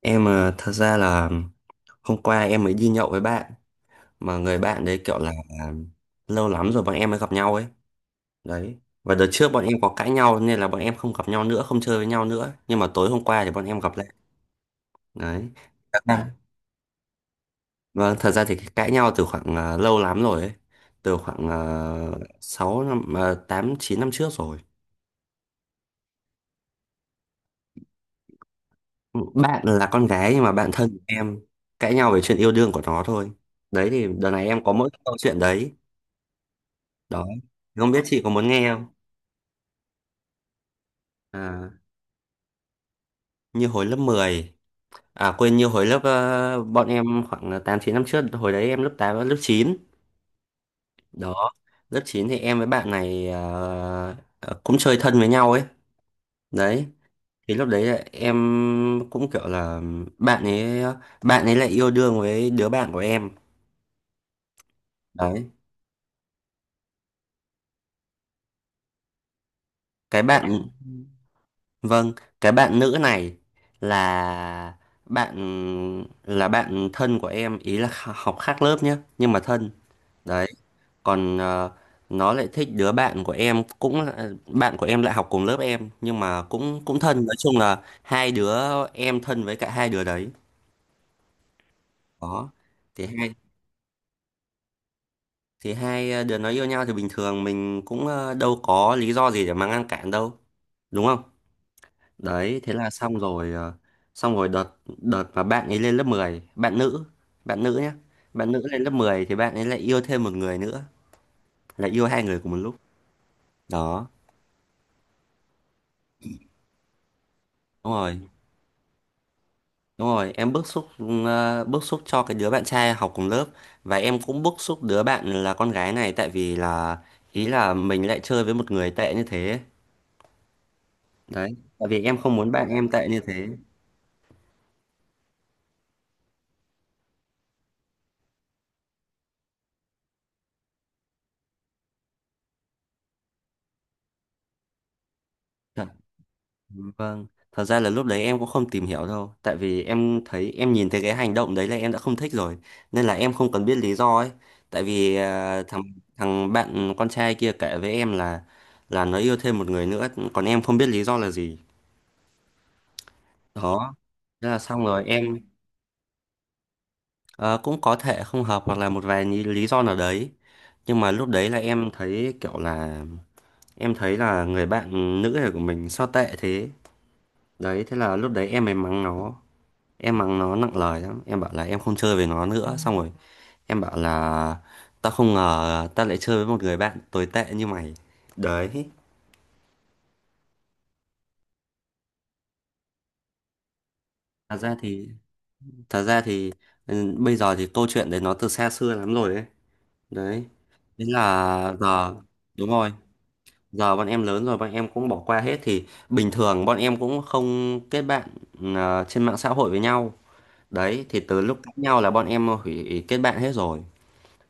Em thật ra là hôm qua em mới đi nhậu với bạn mà người bạn đấy kiểu là à, lâu lắm rồi bọn em mới gặp nhau ấy. Đấy. Và đợt trước bọn em có cãi nhau nên là bọn em không gặp nhau nữa, không chơi với nhau nữa. Nhưng mà tối hôm qua thì bọn em gặp lại. Đấy. Các bạn. Vâng, thật ra thì cái cãi nhau từ khoảng lâu lắm rồi ấy. Từ khoảng 6 năm, 8 9 năm trước rồi. Bạn là con gái nhưng mà bạn thân của em, cãi nhau về chuyện yêu đương của nó thôi. Đấy, thì đợt này em có mỗi câu chuyện đấy đó, không biết chị có muốn nghe không. À, như hồi lớp mười, à quên, như hồi lớp bọn em khoảng 8 9 năm trước, hồi đấy em lớp 8 và lớp 9 đó. Lớp 9 thì em với bạn này, cũng chơi thân với nhau ấy. Đấy, thì lúc đấy là em cũng kiểu là bạn ấy bạn ấy lại yêu đương với đứa bạn của em. Đấy, cái bạn. Vâng, cái bạn nữ này là bạn là bạn thân của em, ý là học khác lớp nhá, nhưng mà thân. Đấy, còn nó lại thích đứa bạn của em, bạn của em lại học cùng lớp em nhưng mà cũng cũng thân, nói chung là hai đứa em thân với cả hai đứa đấy. Đó. Thì hai thì hai đứa nó yêu nhau thì bình thường mình cũng đâu có lý do gì để mà ngăn cản đâu, đúng không? Đấy, thế là xong rồi, xong rồi đợt đợt mà bạn ấy lên lớp mười, bạn nữ nhé. Bạn nữ lên lớp 10 thì bạn ấy lại yêu thêm một người nữa, là yêu hai người cùng một lúc. Đó, đúng rồi. Đúng rồi, em bức xúc, bức xúc cho cái đứa bạn trai học cùng lớp và em cũng bức xúc đứa bạn là con gái này, tại vì là ý là mình lại chơi với một người tệ như thế. Đấy, tại vì em không muốn bạn em tệ như thế. Vâng, thật ra là lúc đấy em cũng không tìm hiểu đâu, tại vì em thấy, em nhìn thấy cái hành động đấy là em đã không thích rồi, nên là em không cần biết lý do ấy. Tại vì thằng thằng bạn con trai kia kể với em là nó yêu thêm một người nữa, còn em không biết lý do là gì. Đó, thế là xong rồi em, cũng có thể không hợp hoặc là một vài lý lý do nào đấy. Nhưng mà lúc đấy là em thấy kiểu là em thấy là người bạn nữ này của mình sao tệ thế. Đấy, thế là lúc đấy em mới mắng nó. Em mắng nó nặng lời lắm, em bảo là em không chơi với nó. Ừ. Nữa xong rồi em bảo là tao không ngờ tao lại chơi với một người bạn tồi tệ như mày. Đấy. Thật ra thì thật ra thì bây giờ thì câu chuyện đấy nó từ xa xưa lắm rồi ấy. Đấy, thế là giờ, đúng rồi, giờ bọn em lớn rồi, bọn em cũng bỏ qua hết thì bình thường bọn em cũng không kết bạn ừ, trên mạng xã hội với nhau. Đấy, thì từ lúc cãi nhau là bọn em hủy kết bạn hết rồi.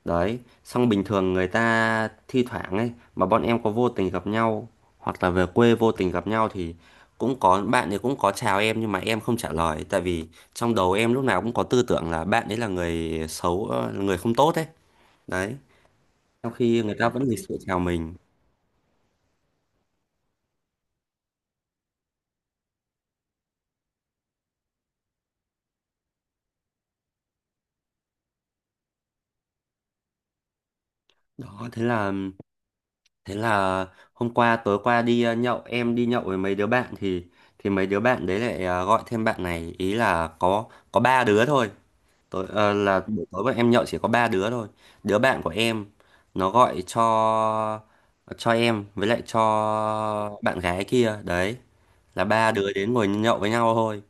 Đấy, xong bình thường người ta thi thoảng ấy mà bọn em có vô tình gặp nhau hoặc là về quê vô tình gặp nhau thì cũng có, bạn ấy cũng có chào em nhưng mà em không trả lời, tại vì trong đầu em lúc nào cũng có tư tưởng là bạn ấy là người xấu, người không tốt ấy. Đấy, trong khi người ta vẫn lịch sự chào mình. Đó, thế là hôm qua, tối qua đi nhậu, em đi nhậu với mấy đứa bạn thì, mấy đứa bạn đấy lại gọi thêm bạn này, ý là có, ba đứa thôi. Tối, là buổi tối bọn em nhậu chỉ có ba đứa thôi. Đứa bạn của em nó gọi cho, em với lại cho bạn gái kia đấy, là ba đứa đến ngồi nhậu với nhau thôi.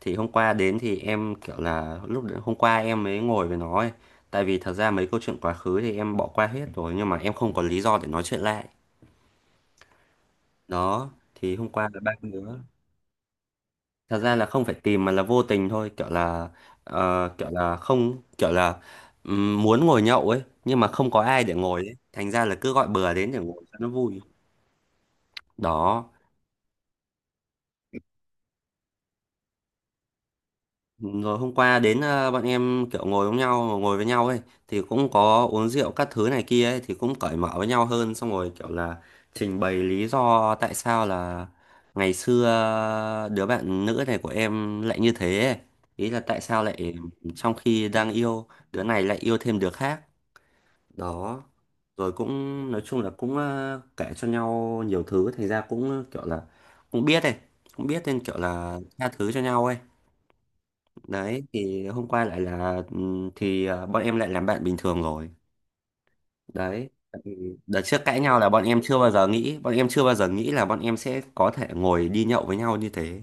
Thì hôm qua đến thì em kiểu là, hôm qua em mới ngồi với nó ấy. Tại vì thật ra mấy câu chuyện quá khứ thì em bỏ qua hết rồi nhưng mà em không có lý do để nói chuyện lại. Đó, thì hôm qua là ba đứa, thật ra là không phải tìm mà là vô tình thôi, kiểu là kiểu là không, kiểu là muốn ngồi nhậu ấy nhưng mà không có ai để ngồi ấy, thành ra là cứ gọi bừa đến để ngồi cho nó vui. Đó. Rồi hôm qua đến, bọn em kiểu ngồi với nhau ấy, thì cũng có uống rượu các thứ này kia ấy thì cũng cởi mở với nhau hơn, xong rồi kiểu là trình bày lý do tại sao là ngày xưa đứa bạn nữ này của em lại như thế ấy. Ý là tại sao lại trong khi đang yêu đứa này lại yêu thêm đứa khác, đó. Rồi cũng, nói chung là cũng kể cho nhau nhiều thứ, thành ra cũng kiểu là cũng biết ấy, cũng biết nên kiểu là tha thứ cho nhau ấy. Đấy, thì hôm qua lại là, thì bọn em lại làm bạn bình thường rồi. Đấy, tại vì đợt trước cãi nhau là bọn em chưa bao giờ nghĩ bọn em chưa bao giờ nghĩ là bọn em sẽ có thể ngồi đi nhậu với nhau như thế.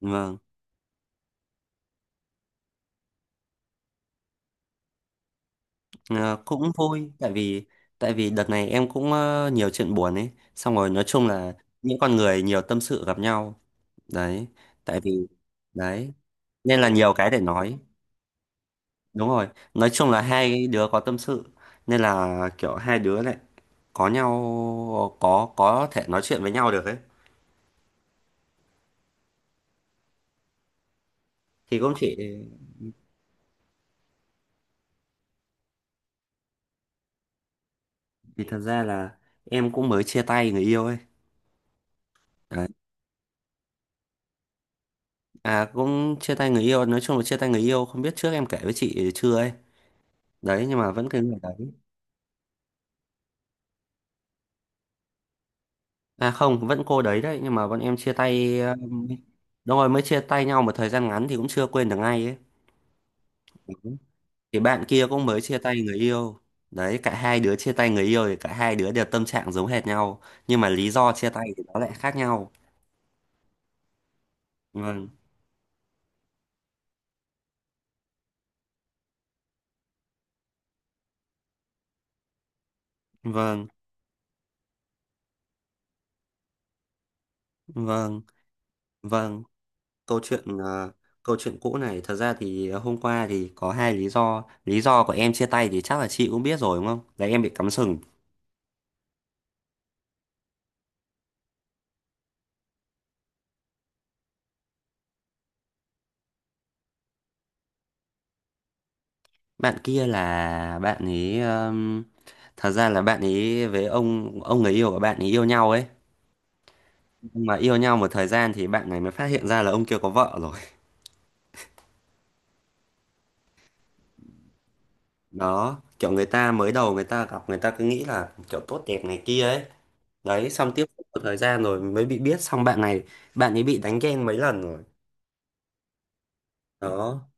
Vâng. À, cũng vui tại vì, đợt này em cũng nhiều chuyện buồn ấy, xong rồi nói chung là những con người nhiều tâm sự gặp nhau đấy. Tại vì đấy nên là nhiều cái để nói, đúng rồi, nói chung là hai đứa có tâm sự nên là kiểu hai đứa lại có nhau, có thể nói chuyện với nhau được ấy. Thì cũng chỉ vì thật ra là em cũng mới chia tay người yêu ấy. Đấy. À, cũng chia tay người yêu, nói chung là chia tay người yêu, không biết trước em kể với chị chưa ấy. Đấy nhưng mà vẫn cái người đấy. À không, vẫn cô đấy đấy, nhưng mà bọn em chia tay, đúng rồi, mới chia tay nhau một thời gian ngắn thì cũng chưa quên được ngay ấy. Thì bạn kia cũng mới chia tay người yêu. Đấy, cả hai đứa chia tay người yêu thì cả hai đứa đều tâm trạng giống hệt nhau, nhưng mà lý do chia tay thì nó lại khác nhau. Vâng, vâng, vâng, vâng, câu chuyện câu chuyện cũ này, thật ra thì hôm qua thì có hai lý do. Lý do của em chia tay thì chắc là chị cũng biết rồi đúng không? Là em bị cắm sừng. Bạn kia là bạn ấy, thật ra là bạn ấy với ông người yêu của bạn ấy yêu nhau ấy. Nhưng mà yêu nhau một thời gian thì bạn này mới phát hiện ra là ông kia có vợ rồi. Đó, kiểu người ta mới đầu người ta gặp người ta cứ nghĩ là kiểu tốt đẹp này kia ấy. Đấy, xong tiếp một thời gian rồi mới bị biết, xong bạn này, bạn ấy bị đánh ghen mấy lần rồi. Đó.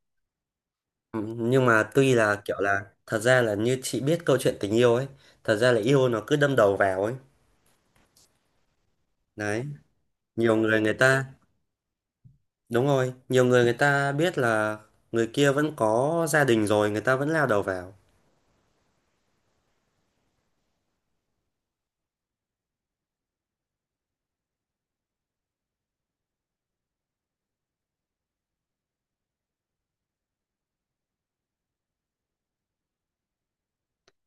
Ừ, nhưng mà tuy là kiểu là thật ra là như chị biết câu chuyện tình yêu ấy, thật ra là yêu nó cứ đâm đầu vào ấy. Đấy, nhiều người người ta, đúng rồi, nhiều người người ta biết là người kia vẫn có gia đình rồi người ta vẫn lao đầu vào.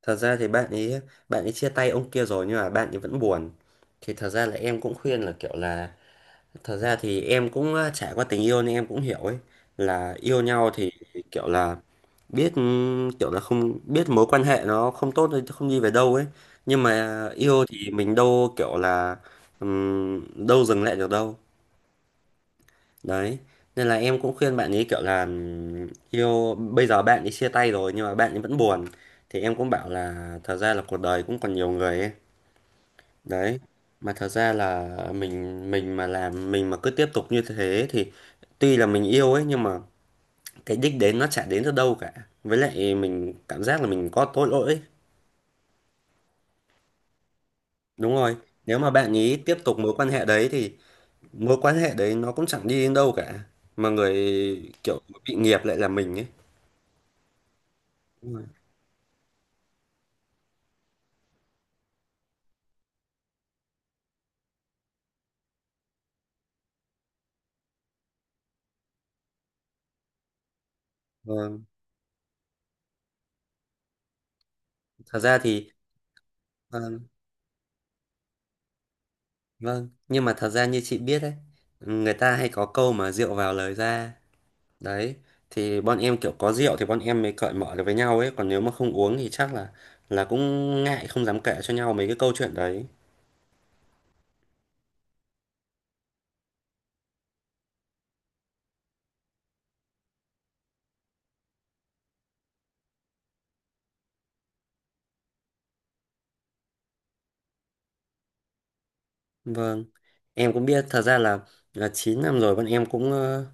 Thật ra thì bạn ấy chia tay ông kia rồi nhưng mà bạn ấy vẫn buồn, thì thật ra là em cũng khuyên là kiểu là, thật ra thì em cũng trải qua tình yêu nên em cũng hiểu ấy, là yêu nhau thì kiểu là biết, kiểu là không biết mối quan hệ nó không tốt thì không đi về đâu ấy, nhưng mà yêu thì mình đâu kiểu là, đâu dừng lại được đâu. Đấy, nên là em cũng khuyên bạn ấy kiểu là, yêu bây giờ bạn ấy chia tay rồi nhưng mà bạn ấy vẫn buồn, thì em cũng bảo là thật ra là cuộc đời cũng còn nhiều người ấy. Đấy, mà thật ra là mình mà cứ tiếp tục như thế thì tuy là mình yêu ấy nhưng mà cái đích đến nó chả đến được đâu cả, với lại mình cảm giác là mình có tội lỗi ấy. Đúng rồi, nếu mà bạn ý tiếp tục mối quan hệ đấy thì mối quan hệ đấy nó cũng chẳng đi đến đâu cả, mà người kiểu bị nghiệp lại là mình ấy. Vâng, thật ra thì, vâng, vâng, nhưng mà thật ra như chị biết đấy, người ta hay có câu mà rượu vào lời ra. Đấy, thì bọn em kiểu có rượu thì bọn em mới cởi mở được với nhau ấy, còn nếu mà không uống thì chắc là cũng ngại không dám kể cho nhau mấy cái câu chuyện đấy. Vâng. Em cũng biết thật ra là, 9 năm rồi bọn em cũng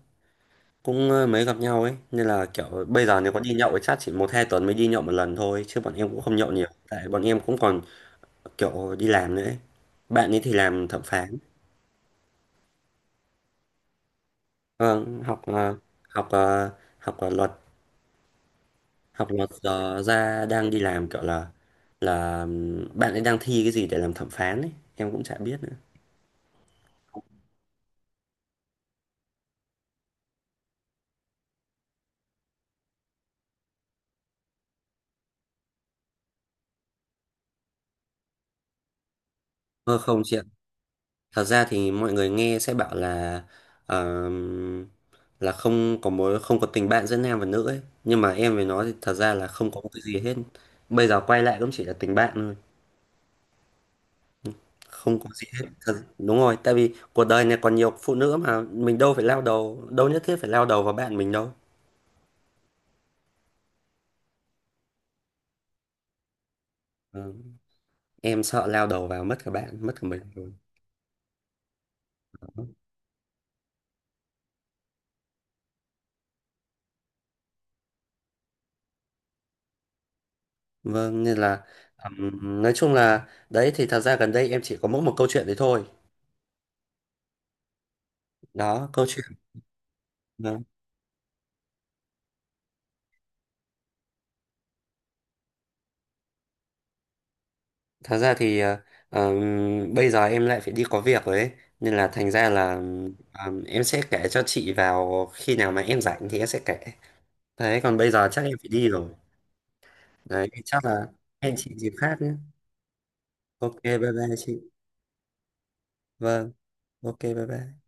cũng mới gặp nhau ấy, nên là kiểu bây giờ nếu có đi nhậu thì chắc chỉ một hai tuần mới đi nhậu một lần thôi, chứ bọn em cũng không nhậu nhiều, tại bọn em cũng còn kiểu đi làm nữa ấy. Bạn ấy thì làm thẩm phán. Vâng, học học học luật, học luật giờ ra đang đi làm kiểu là bạn ấy đang thi cái gì để làm thẩm phán ấy em cũng chả biết nữa. Ờ, không chị ạ, thật ra thì mọi người nghe sẽ bảo là, ờm, là không có mối, không có tình bạn giữa nam và nữ ấy, nhưng mà em với nó thì thật ra là không có một cái gì hết, bây giờ quay lại cũng chỉ là tình bạn thôi, không có gì hết thật, đúng rồi, tại vì cuộc đời này còn nhiều phụ nữ mà mình đâu phải lao đầu đâu, nhất thiết phải lao đầu vào bạn mình đâu. Ờ, em sợ lao đầu vào mất cả bạn mất cả mình. Vâng, nên là nói chung là đấy thì thật ra gần đây em chỉ có mỗi một câu chuyện đấy thôi. Đó, câu chuyện. Vâng. Thật ra thì bây giờ em lại phải đi có việc rồi ấy. Nên là thành ra là em sẽ kể cho chị vào khi nào mà em rảnh thì em sẽ kể. Đấy, còn bây giờ chắc em phải đi rồi. Đấy, chắc là hẹn chị dịp khác nhé. Ok, bye bye chị. Vâng, ok, bye bye.